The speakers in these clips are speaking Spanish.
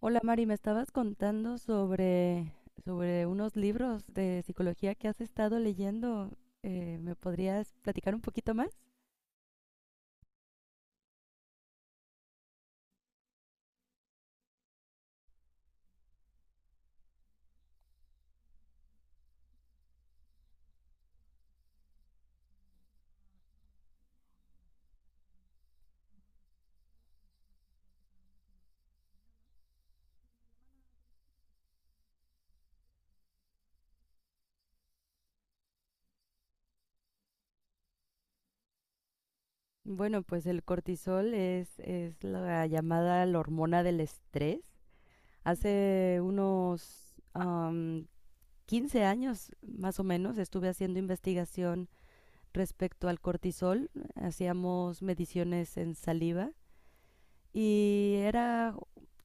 Hola Mari, me estabas contando sobre unos libros de psicología que has estado leyendo. ¿me podrías platicar un poquito más? Bueno, pues el cortisol es la llamada la hormona del estrés. Hace unos 15 años más o menos estuve haciendo investigación respecto al cortisol. Hacíamos mediciones en saliva y era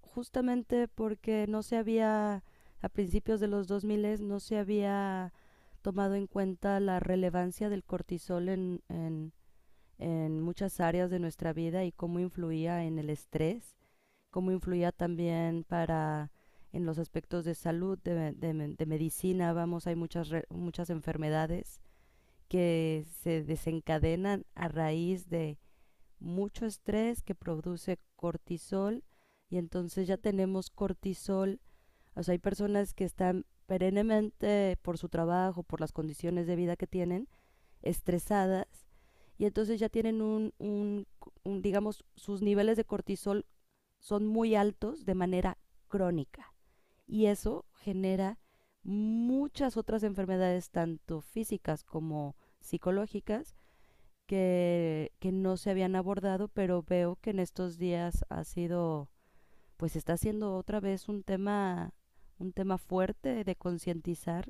justamente porque no se había, a principios de los 2000, no se había tomado en cuenta la relevancia del cortisol en muchas áreas de nuestra vida y cómo influía en el estrés, cómo influía también para en los aspectos de salud, de medicina. Vamos, hay muchas, muchas enfermedades que se desencadenan a raíz de mucho estrés que produce cortisol, y entonces ya tenemos cortisol. O sea, hay personas que están perennemente por su trabajo, por las condiciones de vida que tienen, estresadas, y entonces ya tienen un, digamos, sus niveles de cortisol son muy altos de manera crónica, y eso genera muchas otras enfermedades, tanto físicas como psicológicas, que no se habían abordado, pero veo que en estos días ha sido, pues está siendo otra vez un tema fuerte de concientizar.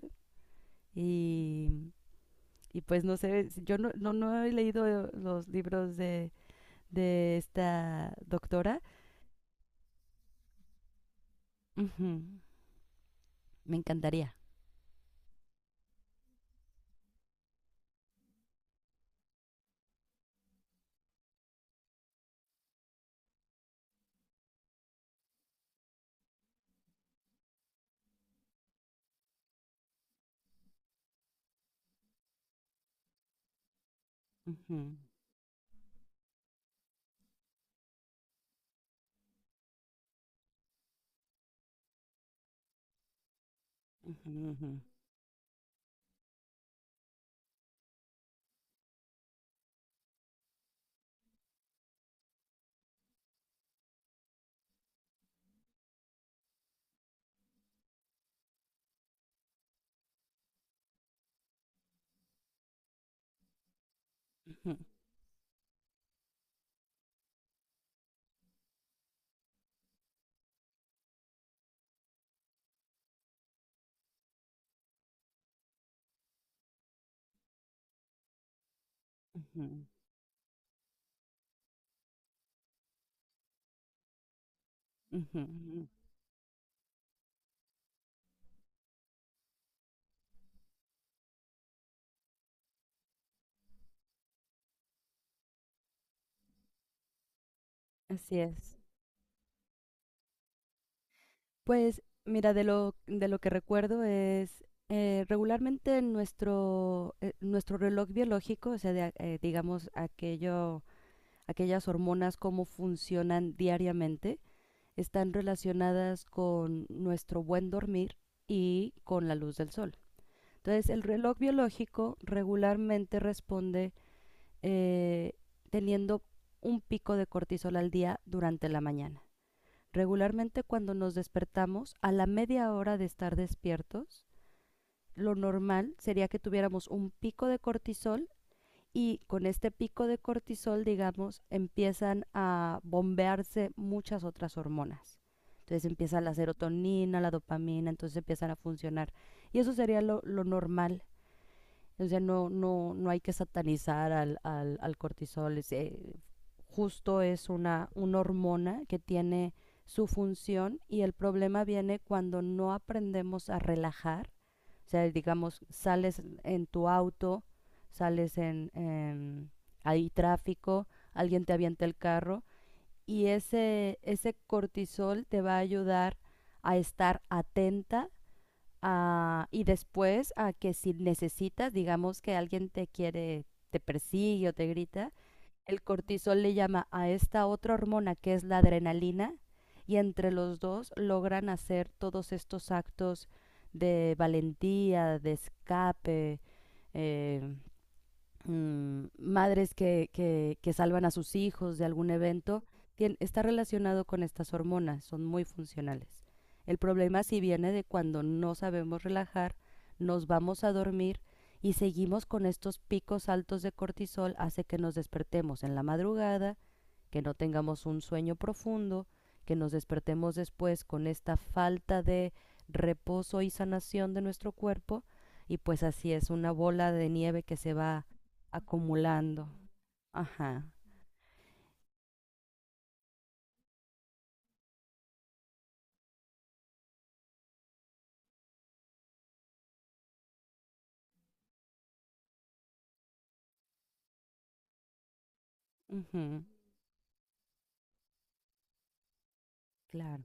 Y, y pues no sé, si yo no he leído los libros de esta doctora. Ujú. Me encantaría. Ujú, ujú, ujú, ujú, ujú, ujú, ujú. Así es. Pues mira, de lo que recuerdo es regularmente nuestro reloj biológico, o sea, digamos, aquello, aquellas hormonas, cómo funcionan diariamente, están relacionadas con nuestro buen dormir y con la luz del sol. Entonces, el reloj biológico regularmente responde, eh, teniendo un pico de cortisol al día durante la mañana. Regularmente cuando nos despertamos, a la media hora de estar despiertos, lo normal sería que tuviéramos un pico de cortisol, y con este pico de cortisol, digamos, empiezan a bombearse muchas otras hormonas. Entonces empieza la serotonina, la dopamina, entonces empiezan a funcionar. Y eso sería lo normal. O sea, no hay que satanizar al cortisol. Es, justo es una hormona que tiene su función, y el problema viene cuando no aprendemos a relajar. O sea, digamos, sales en tu auto, sales en, hay tráfico, alguien te avienta el carro, y ese cortisol te va a ayudar a estar atenta. Ah, y después a que si necesitas, digamos que alguien te quiere, te persigue o te grita, el cortisol le llama a esta otra hormona que es la adrenalina, y entre los dos logran hacer todos estos actos de valentía, de escape, eh, madres que salvan a sus hijos de algún evento, está relacionado con estas hormonas, son muy funcionales. El problema sí viene de cuando no sabemos relajar, nos vamos a dormir y seguimos con estos picos altos de cortisol, hace que nos despertemos en la madrugada, que no tengamos un sueño profundo, que nos despertemos después con esta falta de reposo y sanación de nuestro cuerpo, y pues así es una bola de nieve que se va acumulando. Ajá. Ujú. Claro.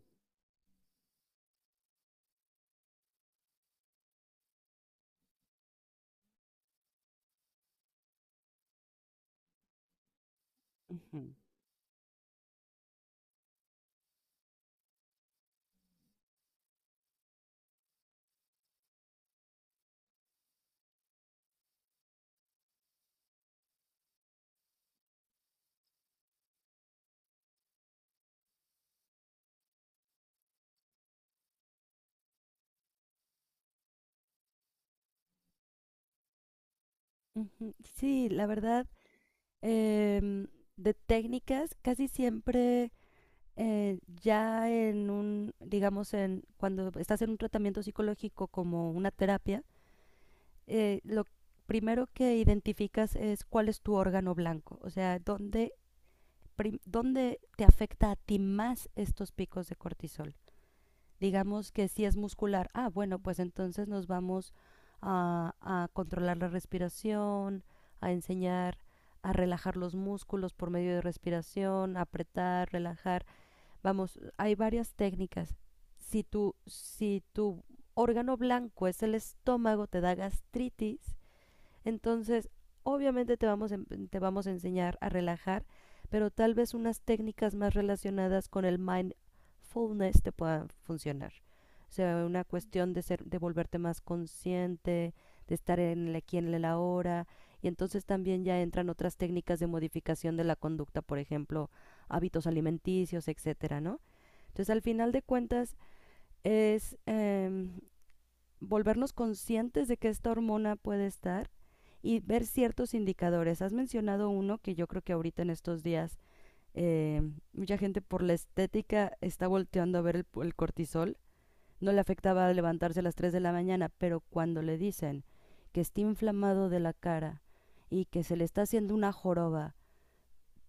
Ujú, ujú. Sí, la verdad, em, de técnicas casi siempre ya en un, digamos, en cuando estás en un tratamiento psicológico como una terapia, lo primero que identificas es cuál es tu órgano blanco, o sea, dónde, dónde te afecta a ti más estos picos de cortisol. Digamos que si es muscular, ah, bueno, pues entonces nos vamos a controlar la respiración, a enseñar a relajar los músculos por medio de respiración, apretar, relajar. Vamos, hay varias técnicas. Si tu órgano blanco es el estómago, te da gastritis. Entonces, obviamente te vamos a enseñar a relajar, pero tal vez unas técnicas más relacionadas con el mindfulness te puedan funcionar. O sea, una cuestión de ser, de volverte más consciente, de estar en el aquí en el ahora. Y entonces también ya entran otras técnicas de modificación de la conducta, por ejemplo, hábitos alimenticios, etcétera, ¿no? Entonces, al final de cuentas, es volvernos conscientes de que esta hormona puede estar, y ver ciertos indicadores. Has mencionado uno que yo creo que ahorita en estos días eh, mucha gente por la estética está volteando a ver el cortisol. No le afectaba levantarse a las 3 de la mañana, pero cuando le dicen que está inflamado de la cara y que se le está haciendo una joroba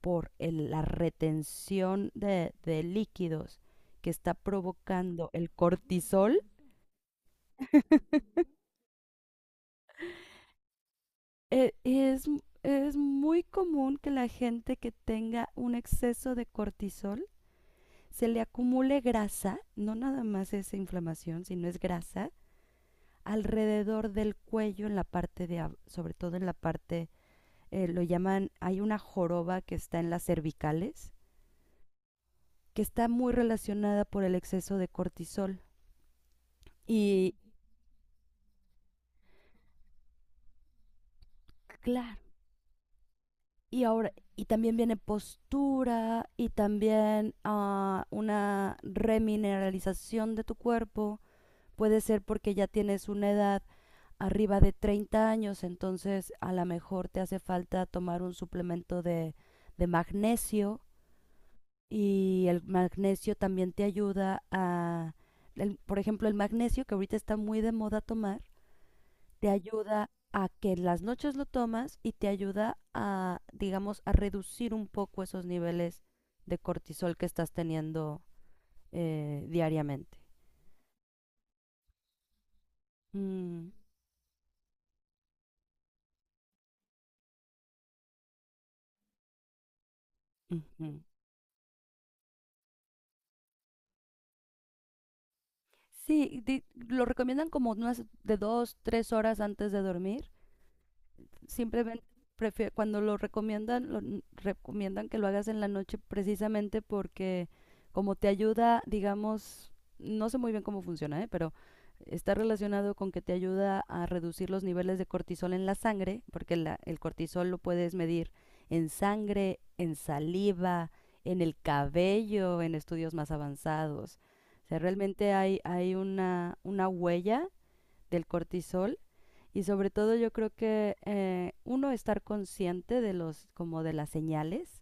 por el, la retención de líquidos que está provocando el cortisol, eh, es, es muy común que la gente que tenga un exceso de cortisol se le acumule grasa, no nada más es inflamación, sino es grasa, alrededor del cuello, en la parte de, sobre todo en la parte, lo llaman, hay una joroba que está en las cervicales, que está muy relacionada por el exceso de cortisol. Y claro, y ahora, y también viene postura y también ah, una remineralización de tu cuerpo. Puede ser porque ya tienes una edad arriba de 30 años, entonces a lo mejor te hace falta tomar un suplemento de magnesio, y el magnesio también te ayuda a, por ejemplo, el magnesio que ahorita está muy de moda tomar te ayuda a que las noches lo tomas, y te ayuda a, digamos, a reducir un poco esos niveles de cortisol que estás teniendo diariamente. Mm. Ujú. Sí, lo recomiendan como unas de dos, tres horas antes de dormir simplemente. Prefiero, cuando lo recomiendan, recomiendan que lo hagas en la noche precisamente porque como te ayuda, digamos, no sé muy bien cómo funciona, ¿eh? Pero está relacionado con que te ayuda a reducir los niveles de cortisol en la sangre, porque el cortisol lo puedes medir en sangre, en saliva, en el cabello, en estudios más avanzados. O sea, realmente hay, hay una huella del cortisol, y sobre todo yo creo que uno estar consciente de los, como de las señales,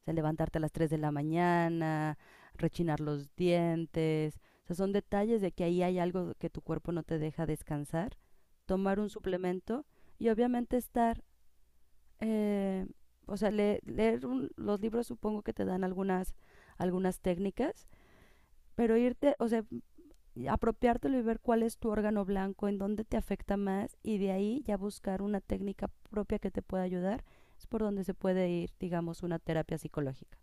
o sea, levantarte a las 3 de la mañana, rechinar los dientes, o sea, son detalles de que ahí hay algo que tu cuerpo no te deja descansar, tomar un suplemento y obviamente estar, eh, o sea, leer los libros supongo que te dan algunas, algunas técnicas, pero irte, o sea, apropiártelo y ver cuál es tu órgano blanco, en dónde te afecta más, y de ahí ya buscar una técnica propia que te pueda ayudar. Es por donde se puede ir, digamos, una terapia psicológica.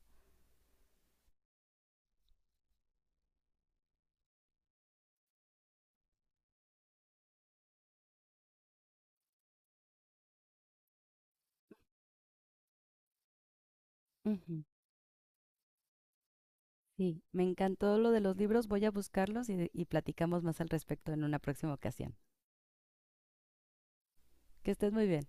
Ujú. Sí, me encantó lo de los libros, voy a buscarlos y platicamos más al respecto en una próxima ocasión. Que estés muy bien.